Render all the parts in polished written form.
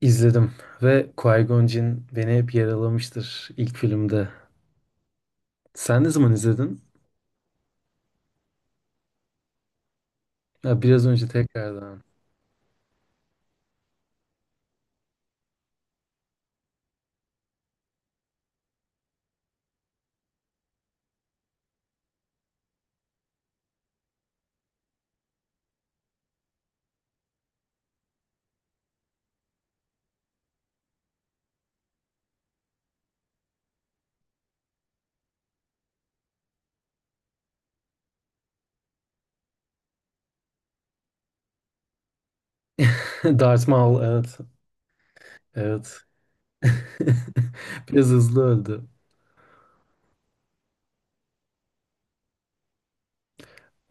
İzledim ve Qui-Gon Jinn beni hep yaralamıştır ilk filmde. Sen ne zaman izledin? Ha, biraz önce tekrardan. Darth Maul evet. Evet. Biraz hızlı öldü.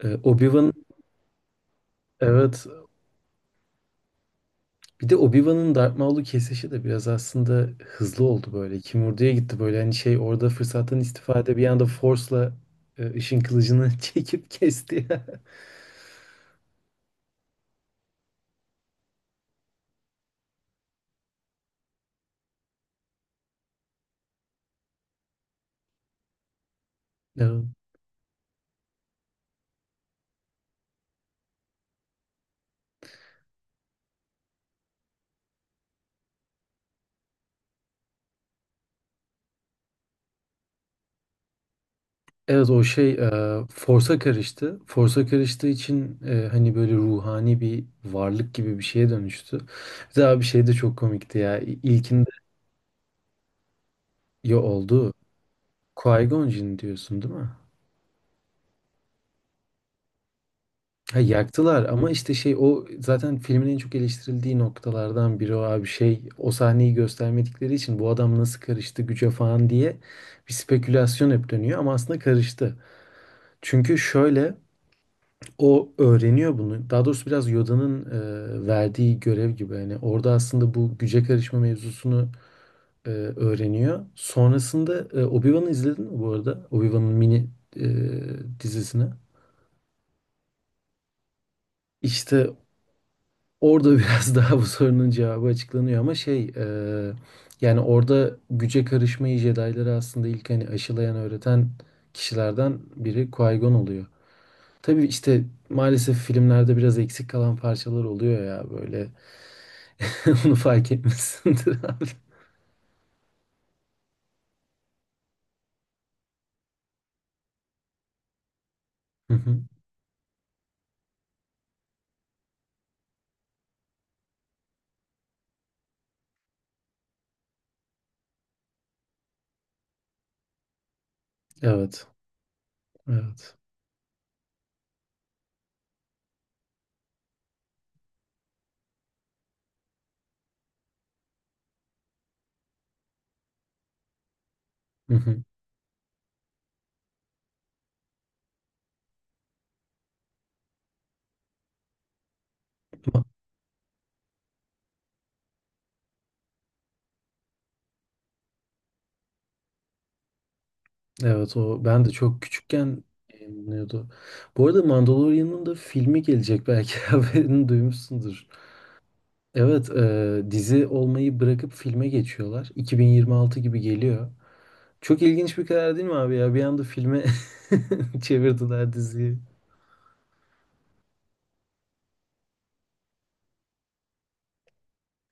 Obi-Wan evet. Bir de Obi-Wan'ın Darth Maul'u kesişi de biraz aslında hızlı oldu böyle. Kimurdu'ya gitti böyle hani şey orada fırsattan istifade bir anda Force'la ışın kılıcını çekip kesti. Evet. Evet o şey Force'a karıştı. Force'a karıştığı için hani böyle ruhani bir varlık gibi bir şeye dönüştü. Bir daha bir şey de çok komikti ya. İlkinde ya oldu. Qui-Gon Jinn diyorsun değil mi? Ha, yaktılar ama işte şey o zaten filmin en çok eleştirildiği noktalardan biri o abi, şey o sahneyi göstermedikleri için bu adam nasıl karıştı güce falan diye bir spekülasyon hep dönüyor ama aslında karıştı. Çünkü şöyle, o öğreniyor bunu. Daha doğrusu biraz Yoda'nın verdiği görev gibi. Yani orada aslında bu güce karışma mevzusunu öğreniyor. Sonrasında Obi-Wan'ı izledin mi bu arada? Obi-Wan'ın mini e, dizisini. İşte orada biraz daha bu sorunun cevabı açıklanıyor ama şey, yani orada güce karışmayı Jedi'ları aslında ilk hani aşılayan öğreten kişilerden biri Qui-Gon oluyor. Tabii işte maalesef filmlerde biraz eksik kalan parçalar oluyor ya böyle. Onu fark etmişsindir abi. Hı hı. Evet. Evet. Hı hı. Evet, o ben de çok küçükken yayınlanıyordu. Bu arada Mandalorian'ın da filmi gelecek belki, haberini duymuşsundur. Evet, dizi olmayı bırakıp filme geçiyorlar. 2026 gibi geliyor. Çok ilginç bir karar değil mi abi ya? Bir anda filme çevirdiler diziyi.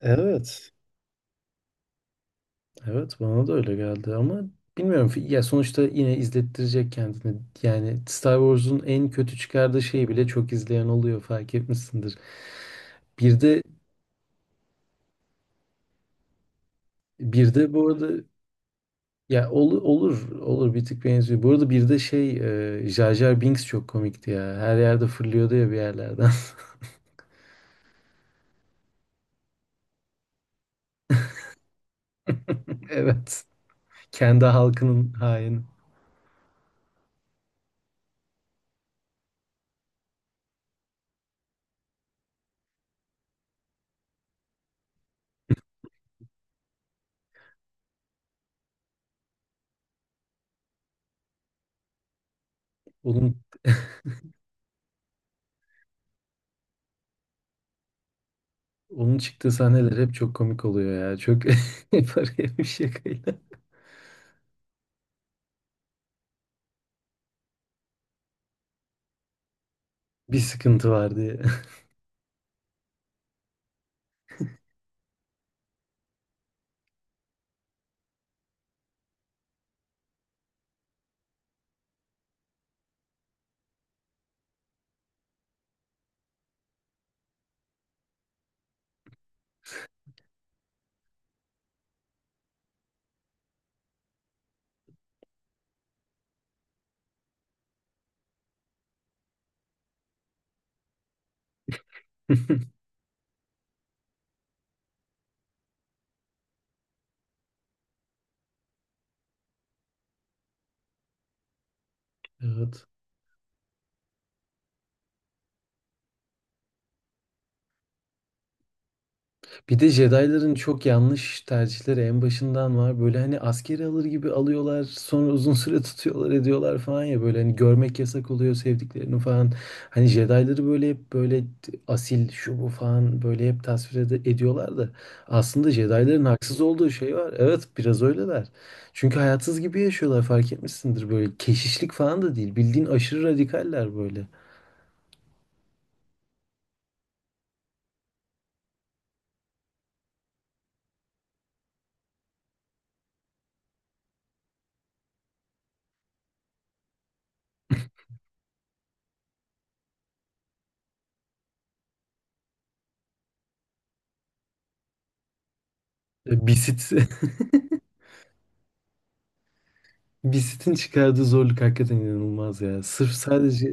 Evet. Evet, bana da öyle geldi ama bilmiyorum ya, sonuçta yine izlettirecek kendini. Yani Star Wars'un en kötü çıkardığı şeyi bile çok izleyen oluyor, fark etmişsindir. Bir de bir de bu arada, olur olur, bir tık benziyor. Bu arada bir de şey, Jar Jar Binks çok komikti ya. Her yerde fırlıyordu ya bir yerlerden. Evet. Kendi halkının haini. Onun onun çıktığı sahneler hep çok komik oluyor ya. Çok paraya bir şakayla. Bir sıkıntı var diye. Evet. Bir de Jedi'ların çok yanlış tercihleri en başından var. Böyle hani askeri alır gibi alıyorlar, sonra uzun süre tutuyorlar, ediyorlar falan ya, böyle hani görmek yasak oluyor sevdiklerini falan. Hani Jedi'ları böyle hep böyle asil şu bu falan böyle hep tasvir ediyorlar da aslında Jedi'ların haksız olduğu şey var. Evet, biraz öyleler. Çünkü hayatsız gibi yaşıyorlar fark etmişsindir, böyle keşişlik falan da değil. Bildiğin aşırı radikaller böyle. Basit. Bisitin çıkardığı zorluk hakikaten inanılmaz ya. Sırf sadece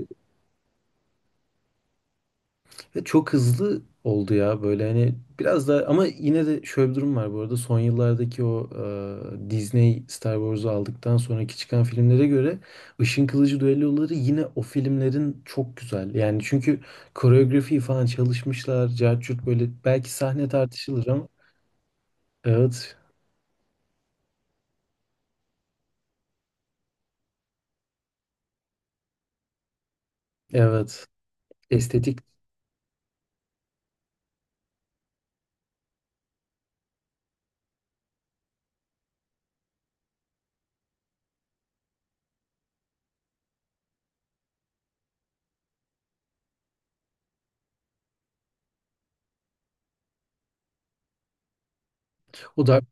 ve çok hızlı oldu ya, böyle hani biraz daha, ama yine de şöyle bir durum var. Bu arada son yıllardaki o Disney Star Wars'u aldıktan sonraki çıkan filmlere göre Işın Kılıcı düelloları yine o filmlerin çok güzel. Yani çünkü koreografi falan çalışmışlar. Cart curt, böyle belki sahne tartışılır ama evet, evet, estetik. O da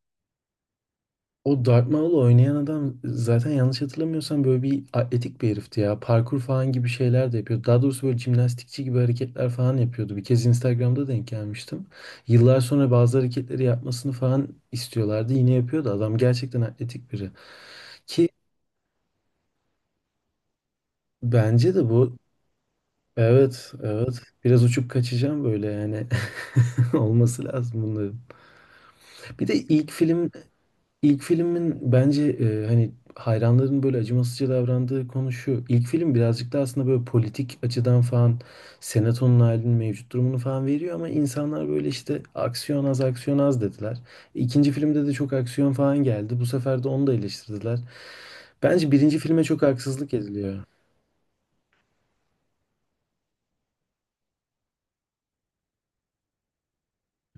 O Darth Maul'u oynayan adam zaten yanlış hatırlamıyorsam böyle bir atletik bir herifti ya. Parkur falan gibi şeyler de yapıyordu. Daha doğrusu böyle jimnastikçi gibi hareketler falan yapıyordu. Bir kez Instagram'da denk gelmiştim. Yıllar sonra bazı hareketleri yapmasını falan istiyorlardı. Yine yapıyordu. Adam gerçekten atletik biri. Ki bence de bu, evet, evet, biraz uçup kaçacağım böyle yani. Olması lazım bunların. Bir de ilk film İlk filmin bence, hani hayranların böyle acımasızca davrandığı konu şu. İlk film birazcık da aslında böyle politik açıdan falan senatonun halinin mevcut durumunu falan veriyor ama insanlar böyle işte "aksiyon az, aksiyon az" dediler. İkinci filmde de çok aksiyon falan geldi. Bu sefer de onu da eleştirdiler. Bence birinci filme çok haksızlık ediliyor.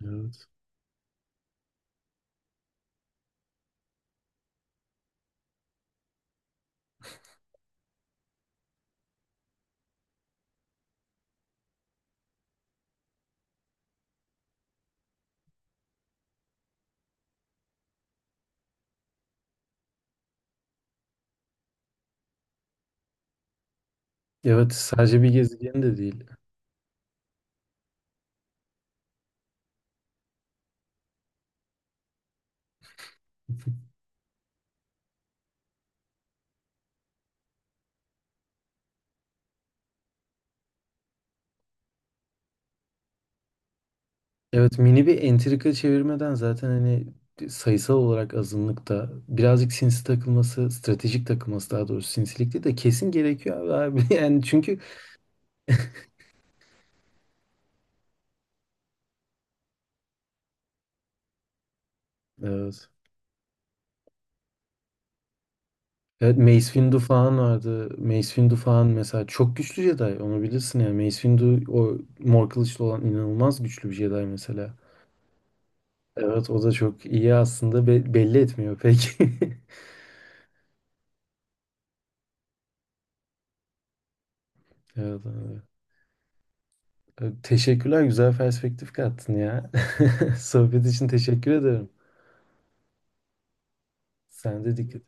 Evet. Evet, sadece bir gezegen de değil. Evet, mini bir entrika çevirmeden zaten hani sayısal olarak azınlıkta birazcık sinsi takılması, stratejik takılması daha doğrusu, sinsilikti de kesin gerekiyor abi, abi. Yani çünkü evet. Evet, Mace Windu falan vardı. Mace Windu falan mesela çok güçlü Jedi, onu bilirsin yani. Mace Windu, o mor kılıçlı olan, inanılmaz güçlü bir Jedi mesela. Evet, o da çok iyi aslında, belli etmiyor pek. Evet abi. Evet, teşekkürler, güzel perspektif kattın ya. Sohbet için teşekkür ederim. Sen de dikkat